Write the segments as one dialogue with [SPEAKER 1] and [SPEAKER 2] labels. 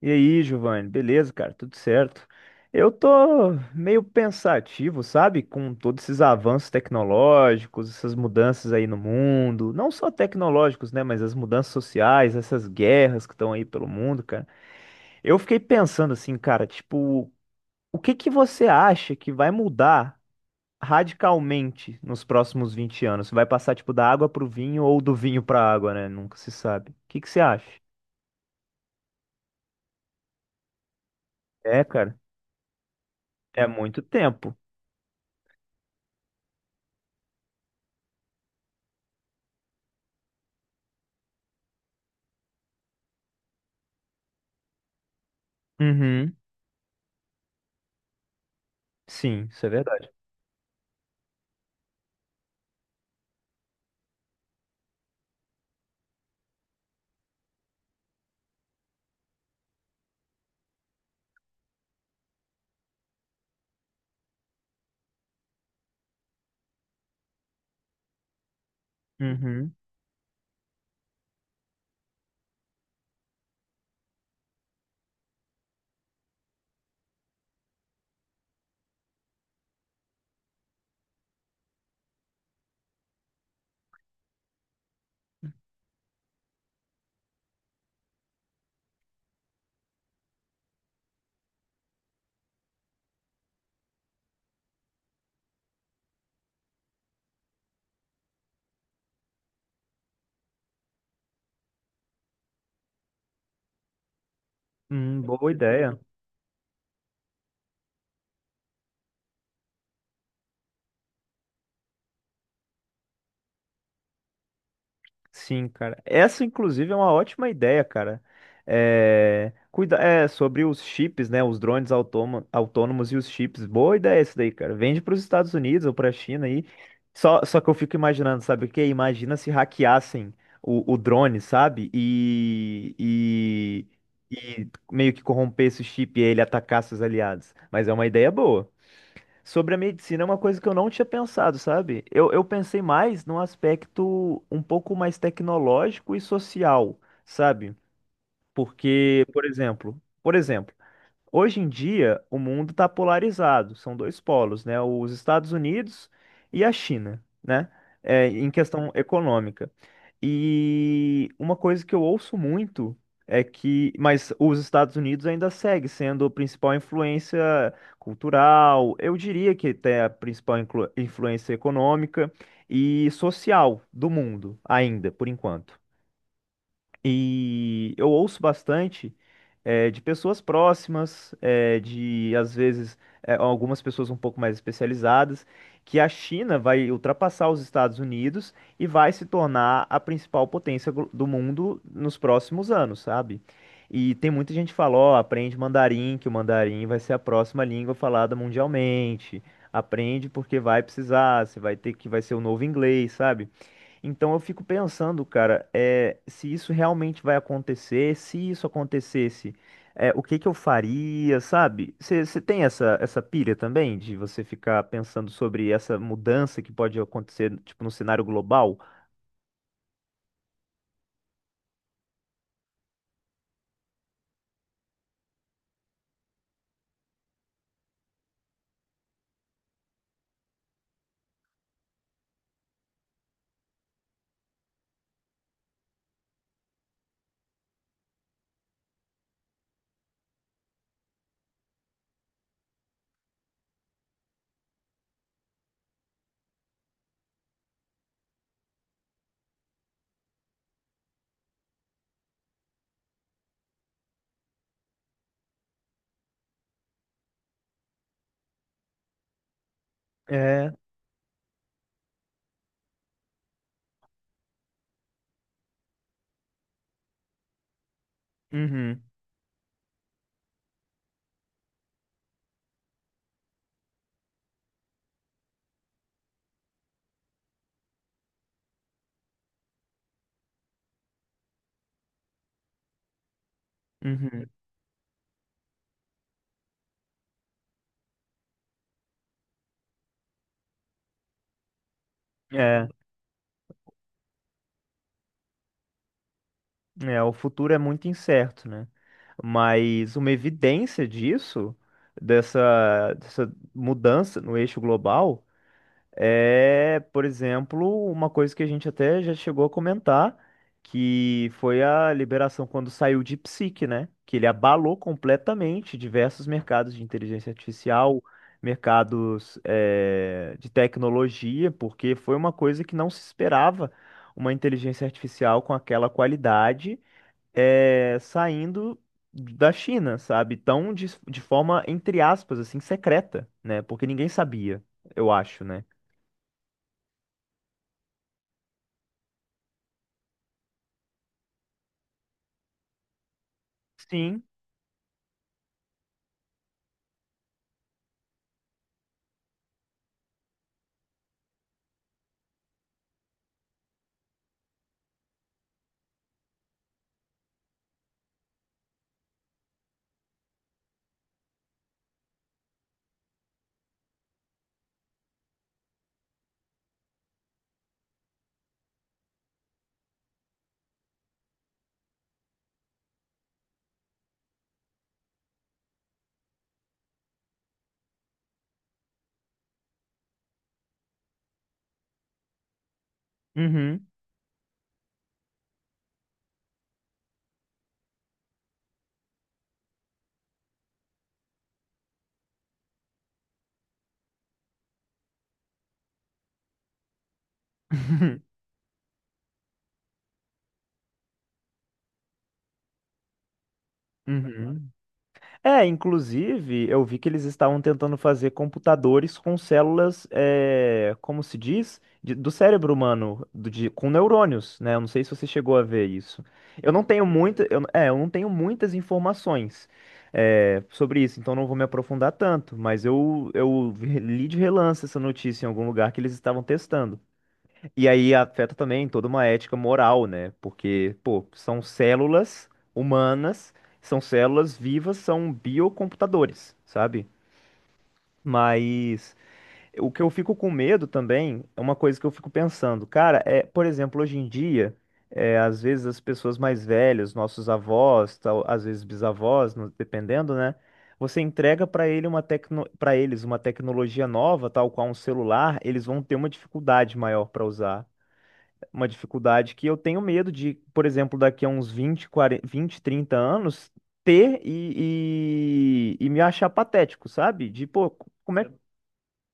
[SPEAKER 1] E aí, Giovanni, beleza, cara? Tudo certo? Eu tô meio pensativo, sabe? Com todos esses avanços tecnológicos, essas mudanças aí no mundo, não só tecnológicos, né? Mas as mudanças sociais, essas guerras que estão aí pelo mundo, cara. Eu fiquei pensando assim, cara, tipo, o que que você acha que vai mudar radicalmente nos próximos 20 anos? Vai passar, tipo, da água pro vinho ou do vinho pra água, né? Nunca se sabe. O que que você acha? É, cara, é muito tempo. Uhum. Sim, isso é verdade. Uhum. Boa ideia. Sim, cara. Essa, inclusive, é uma ótima ideia, cara. É sobre os chips, né? Os drones autônomos e os chips. Boa ideia isso daí, cara. Vende para os Estados Unidos ou para a China aí. Só que eu fico imaginando, sabe o quê? Imagina se hackeassem o drone, sabe? E meio que corrompesse o chip e ele atacasse os aliados. Mas é uma ideia boa. Sobre a medicina é uma coisa que eu não tinha pensado, sabe? Eu pensei mais num aspecto um pouco mais tecnológico e social, sabe? Porque, por exemplo, hoje em dia, o mundo está polarizado, são dois polos, né? Os Estados Unidos e a China, né? É, em questão econômica. E uma coisa que eu ouço muito é que, mas os Estados Unidos ainda segue sendo a principal influência cultural, eu diria que até a principal influência econômica e social do mundo, ainda, por enquanto. E eu ouço bastante de pessoas próximas, de às vezes algumas pessoas um pouco mais especializadas, que a China vai ultrapassar os Estados Unidos e vai se tornar a principal potência do mundo nos próximos anos, sabe? E tem muita gente que fala, ó, aprende mandarim, que o mandarim vai ser a próxima língua falada mundialmente. Aprende porque vai precisar, você vai ter que vai ser o novo inglês, sabe? Então eu fico pensando, cara, se isso realmente vai acontecer, se isso acontecesse, o que que eu faria, sabe? Você tem essa pilha também de você ficar pensando sobre essa mudança que pode acontecer, tipo, no cenário global? É. Uhum. Uhum. É, é, o futuro é muito incerto, né? Mas uma evidência disso, dessa mudança no eixo global. É, por exemplo, uma coisa que a gente até já chegou a comentar, que foi a liberação quando saiu de DeepSeek, né? Que ele abalou completamente diversos mercados de inteligência artificial, mercados, de tecnologia, porque foi uma coisa que não se esperava uma inteligência artificial com aquela qualidade, saindo da China, sabe? Tão de forma, entre aspas, assim, secreta, né? Porque ninguém sabia, eu acho, né? Sim. Uhum. Uhum. É, inclusive, eu vi que eles estavam tentando fazer computadores com células, é, como se diz, do cérebro humano, com neurônios, né? Eu não sei se você chegou a ver isso. Eu não tenho muitas informações, sobre isso, então não vou me aprofundar tanto, mas eu li de relance essa notícia em algum lugar que eles estavam testando. E aí afeta também toda uma ética moral, né? Porque, pô, são células humanas, são células vivas, são biocomputadores, sabe? Mas o que eu fico com medo também é uma coisa que eu fico pensando, cara, por exemplo, hoje em dia, às vezes as pessoas mais velhas, nossos avós, tal, às vezes bisavós, dependendo, né? Você entrega para eles uma tecnologia nova, tal qual um celular, eles vão ter uma dificuldade maior para usar uma dificuldade que eu tenho medo de, por exemplo, daqui a uns 20 40, 20, 30 anos, ter e me achar patético, sabe? De, pô, como é que.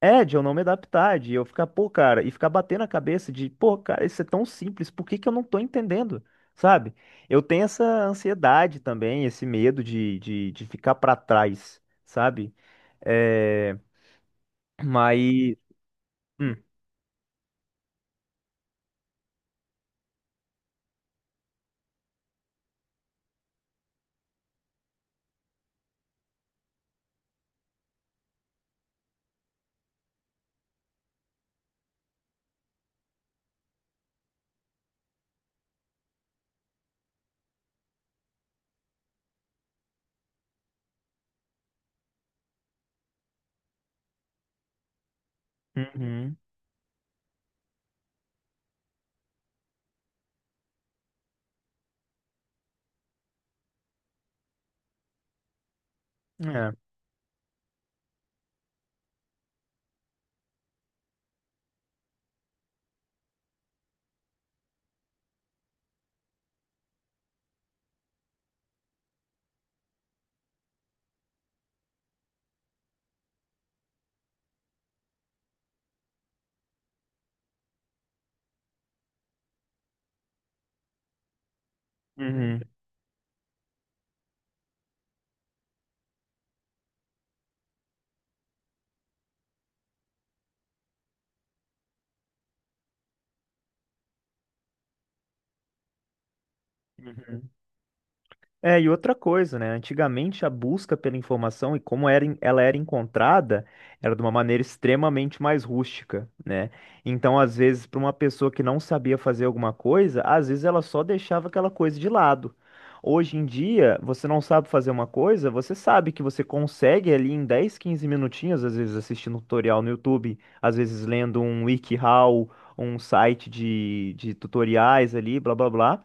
[SPEAKER 1] É, de eu não me adaptar, de eu ficar, pô, cara, e ficar batendo a cabeça de, pô, cara, isso é tão simples, por que que eu não tô entendendo, sabe? Eu tenho essa ansiedade também, esse medo de ficar pra trás, sabe? É, mas. Hum. Uhum. É. Uhum. Uhum. É, e outra coisa, né? Antigamente a busca pela informação e como era, ela era encontrada era de uma maneira extremamente mais rústica, né? Então, às vezes, para uma pessoa que não sabia fazer alguma coisa, às vezes ela só deixava aquela coisa de lado. Hoje em dia, você não sabe fazer uma coisa, você sabe que você consegue ali em 10, 15 minutinhos, às vezes assistindo um tutorial no YouTube, às vezes lendo um WikiHow, um site de tutoriais ali, blá blá blá.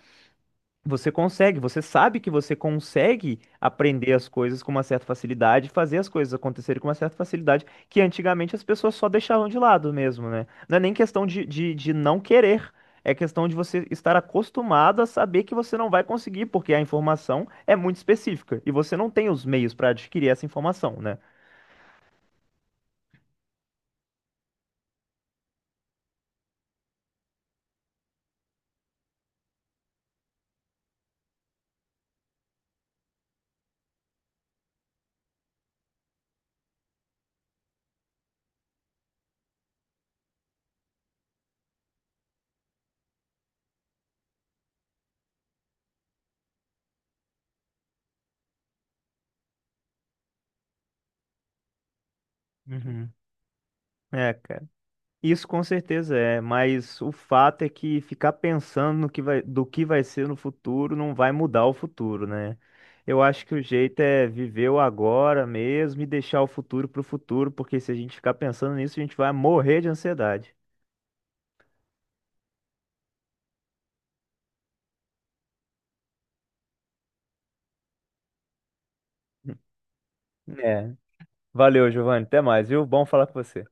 [SPEAKER 1] Você consegue, você sabe que você consegue aprender as coisas com uma certa facilidade, fazer as coisas acontecerem com uma certa facilidade, que antigamente as pessoas só deixavam de lado mesmo, né? Não é nem questão de não querer, é questão de você estar acostumado a saber que você não vai conseguir, porque a informação é muito específica e você não tem os meios para adquirir essa informação, né? Uhum. É, cara. Isso com certeza é, mas o fato é que ficar pensando no que vai, do que vai ser no futuro não vai mudar o futuro, né? Eu acho que o jeito é viver o agora mesmo e deixar o futuro pro futuro, porque se a gente ficar pensando nisso, a gente vai morrer de ansiedade. É. Valeu, Giovanni. Até mais, viu? Bom falar com você.